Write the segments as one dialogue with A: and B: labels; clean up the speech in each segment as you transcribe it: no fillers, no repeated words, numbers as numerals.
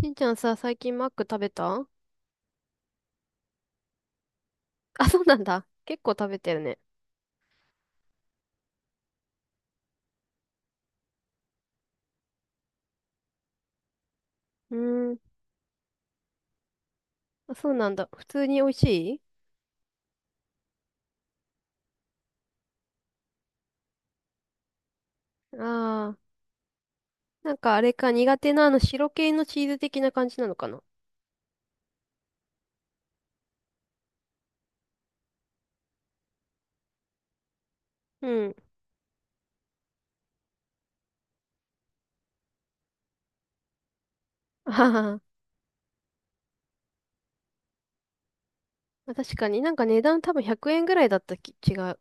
A: しんちゃんさ、最近マック食べた？ あ、そうなんだ。結構食べてるね。うーん。あ、そうなんだ。普通に美味しい。ああー、なんかあれか、苦手なあの白系のチーズ的な感じなのかな？うん。あはは。まあ確かになんか値段多分100円ぐらいだったき、違う。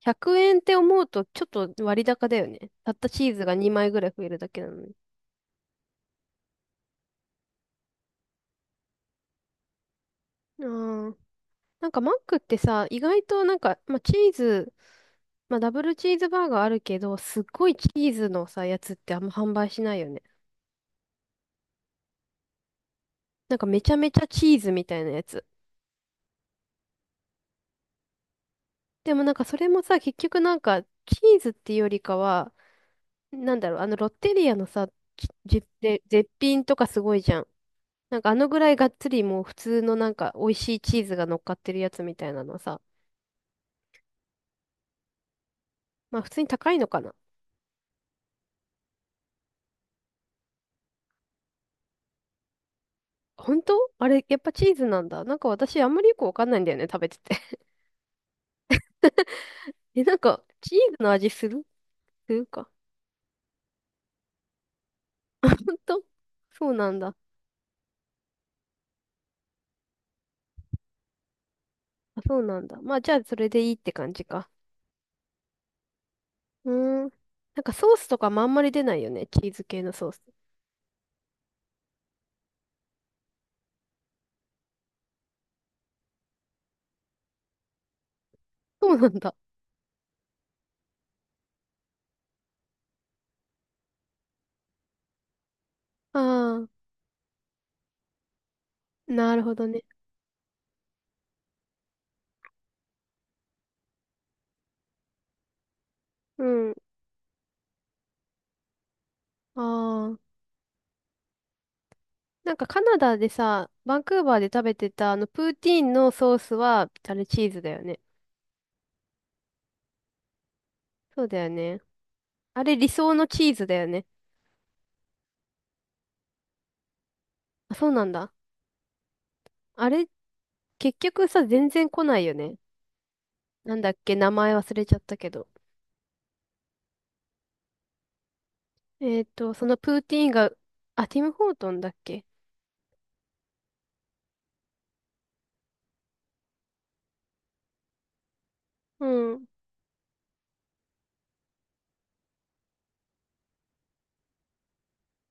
A: 100円って思うとちょっと割高だよね。たったチーズが2枚ぐらい増えるだけなのに。ああ。なんかマックってさ、意外となんか、まあ、チーズ、まあ、ダブルチーズバーガーあるけど、すっごいチーズのさ、やつってあんま販売しないよね。なんかめちゃめちゃチーズみたいなやつ。でもなんかそれもさ、結局なんか、チーズっていうよりかは、なんだろう、あのロッテリアのさ、ちじぜ絶品とかすごいじゃん。なんかあのぐらいがっつりもう普通のなんか美味しいチーズが乗っかってるやつみたいなのさ、まあ普通に高いのかな。本当あれ、やっぱチーズなんだ。なんか私あんまりよくわかんないんだよね、食べてて。え、なんか、チーズの味する？するか。ほんと。そうなんだ。あ、そうなんだ。まあ、じゃあ、それでいいって感じか。うーん。なんか、ソースとかもあんまり出ないよね。チーズ系のソース。そうなんだ。ああ、なるほどね。うん。ああ。なんか、カナダでさ、バンクーバーで食べてた、あの、プーティーンのソースは、あれ、チーズだよね。そうだよね。あれ、理想のチーズだよね。あ、そうなんだ。あれ、結局さ、全然来ないよね。なんだっけ、名前忘れちゃったけど。そのプーティーンが、あ、ティム・ホートンだっけ？うん。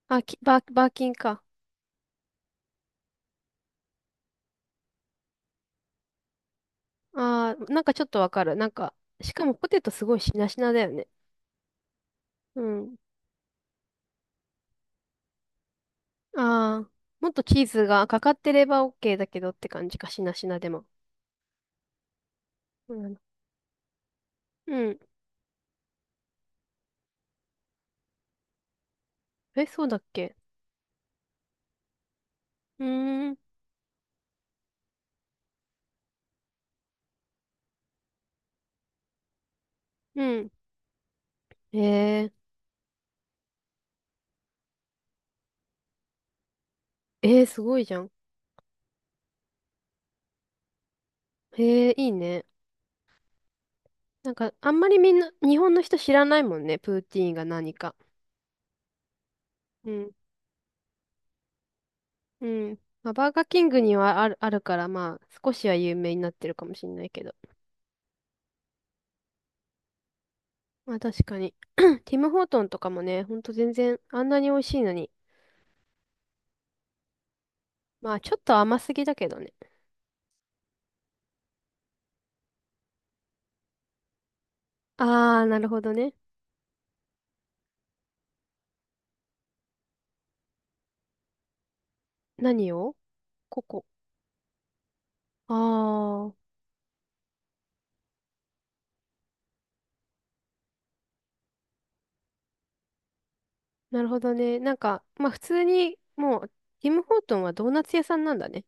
A: あ、き、バー、バーキンか。あー、なんかちょっとわかる。なんか、しかもポテトすごいしなしなだよね。うん。あー、もっとチーズがかかってれば OK だけどって感じか、しなしなでも。うん。うん。え、そうだっけ？うーん。うん。えー、えー、すごいじゃん。へえー、いいね。なんか、あんまりみんな、日本の人知らないもんね、プーティーンが何か。うんうん。まあ、バーガーキングにはある、あるから、まあ、少しは有名になってるかもしれないけど。まあ、確かに。ティム・ホートンとかもね、ほんと全然、あんなに美味しいのに。まあ、ちょっと甘すぎだけどね。あー、なるほどね。何をここ。あー、なるほどね。なんか、まあ、普通に、もう、ティム・ホートンはドーナツ屋さんなんだね。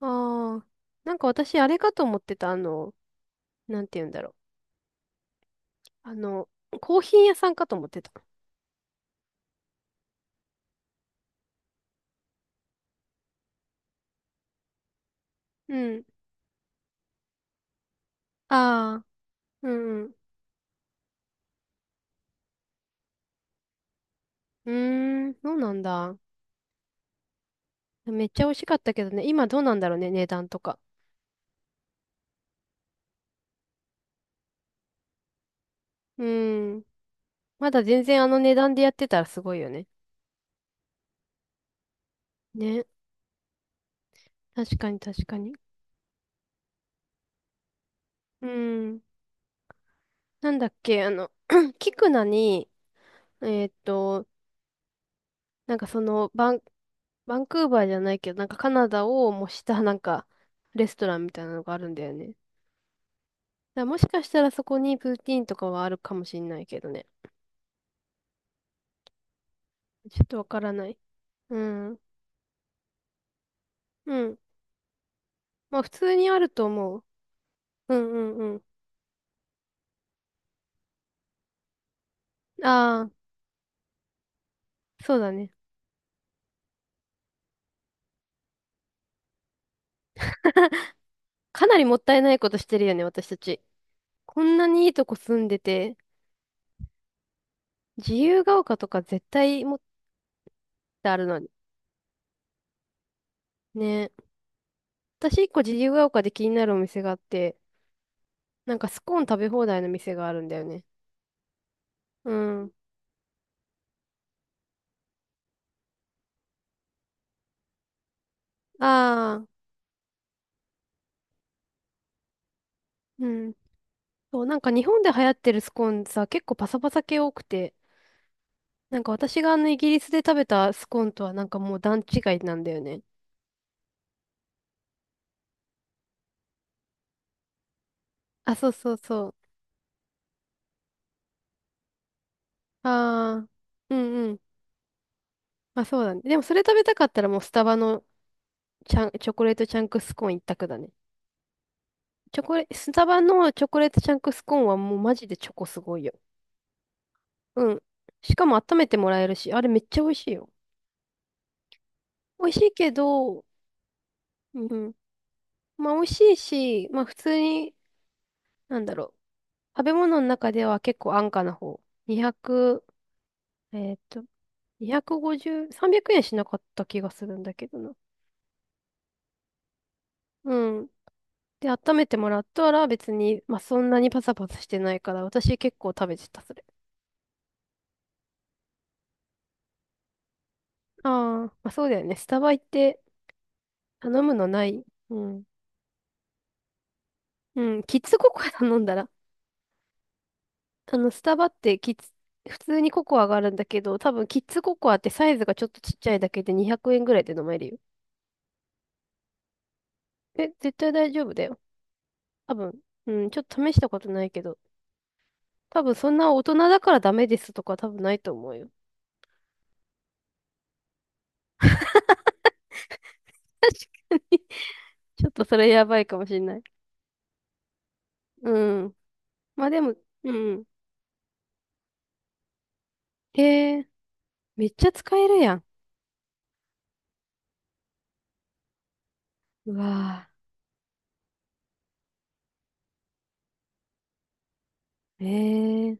A: あー、なんか私、あれかと思ってた、あの、なんて言うんだろう。あの、コーヒー屋さんかと思ってた。うん。あー。うん。うーん、そうなんだ。めっちゃ美味しかったけどね。今どうなんだろうね、値段とか。うーん。まだ全然あの値段でやってたらすごいよね。ね。確かに確かに。うーん。なんだっけ、あの、キクナに、えーっと、なんかその、バンクーバーじゃないけど、なんかカナダを模したなんか、レストランみたいなのがあるんだよね。だからもしかしたらそこにプーティーンとかはあるかもしんないけどね。ちょっとわからない。うん。うん。まあ普通にあると思う。うんうん。ああ、そうだね。かなりもったいないことしてるよね、私たち。こんなにいいとこ住んでて、自由が丘とか絶対もってあるのに。ね。私一個自由が丘で気になるお店があって、なんかスコーン食べ放題の店があるんだよね。うん。ああ、うん。そう、なんか日本で流行ってるスコーンさ、結構パサパサ系多くて、なんか私があのイギリスで食べたスコーンとはなんかもう段違いなんだよね。あ、そうそうそう。ああ、うんうん。まあそうだね。でもそれ食べたかったらもうスタバのチャン、チョコレートチャンクスコーン一択だね。チョコレ、スタバのチョコレートチャンクスコーンはもうマジでチョコすごいよ。うん。しかも温めてもらえるし、あれめっちゃ美味しいよ。美味しいけど、うん。まあ美味しいし、まあ普通に、なんだろう。食べ物の中では結構安価な方。200、えっと、250、300円しなかった気がするんだけどな。うん。で、温めてもらったら別に、まあ、そんなにパサパサしてないから、私結構食べてた、それ。ああ、まあ、そうだよね。スタバ行って頼むのない。うん。うん、キッズココア頼んだら。あの、スタバってキッズ、普通にココアがあるんだけど、多分キッズココアってサイズがちょっとちっちゃいだけで200円ぐらいで飲めるよ。え、絶対大丈夫だよ。多分。うん、ちょっと試したことないけど。多分そんな大人だからダメですとか多分ないと思うよ。ちょっとそれやばいかもしれない。うん。まあでも、うん。えー、めっちゃ使えるやん。うわぁ。えー、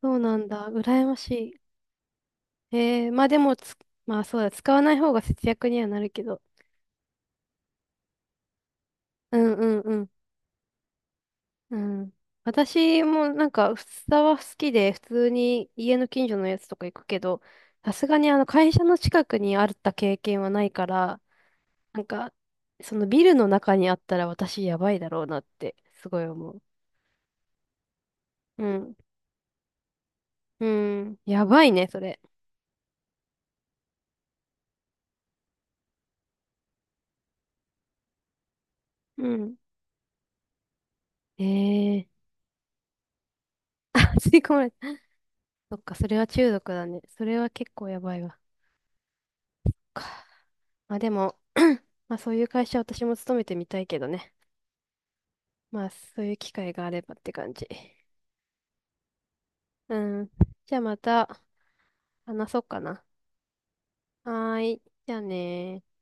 A: そうなんだ。羨ましい。えー、まあでもつ、まあそうだ、使わない方が節約にはなるけど。うんうんうん。うん。私もなんか、スタバ好きで、普通に家の近所のやつとか行くけど、さすがにあの会社の近くにあった経験はないから、なんか、そのビルの中にあったら私やばいだろうなって、すごい思う。うん。うん。やばいね、それ。うん。ええ 吸い込まれた。そっか、それは中毒だね。それは結構やばいわ。か。まあでも、まあそういう会社私も勤めてみたいけどね。まあそういう機会があればって感じ。うん。じゃあまた話そうかな。はーい。じゃあねー。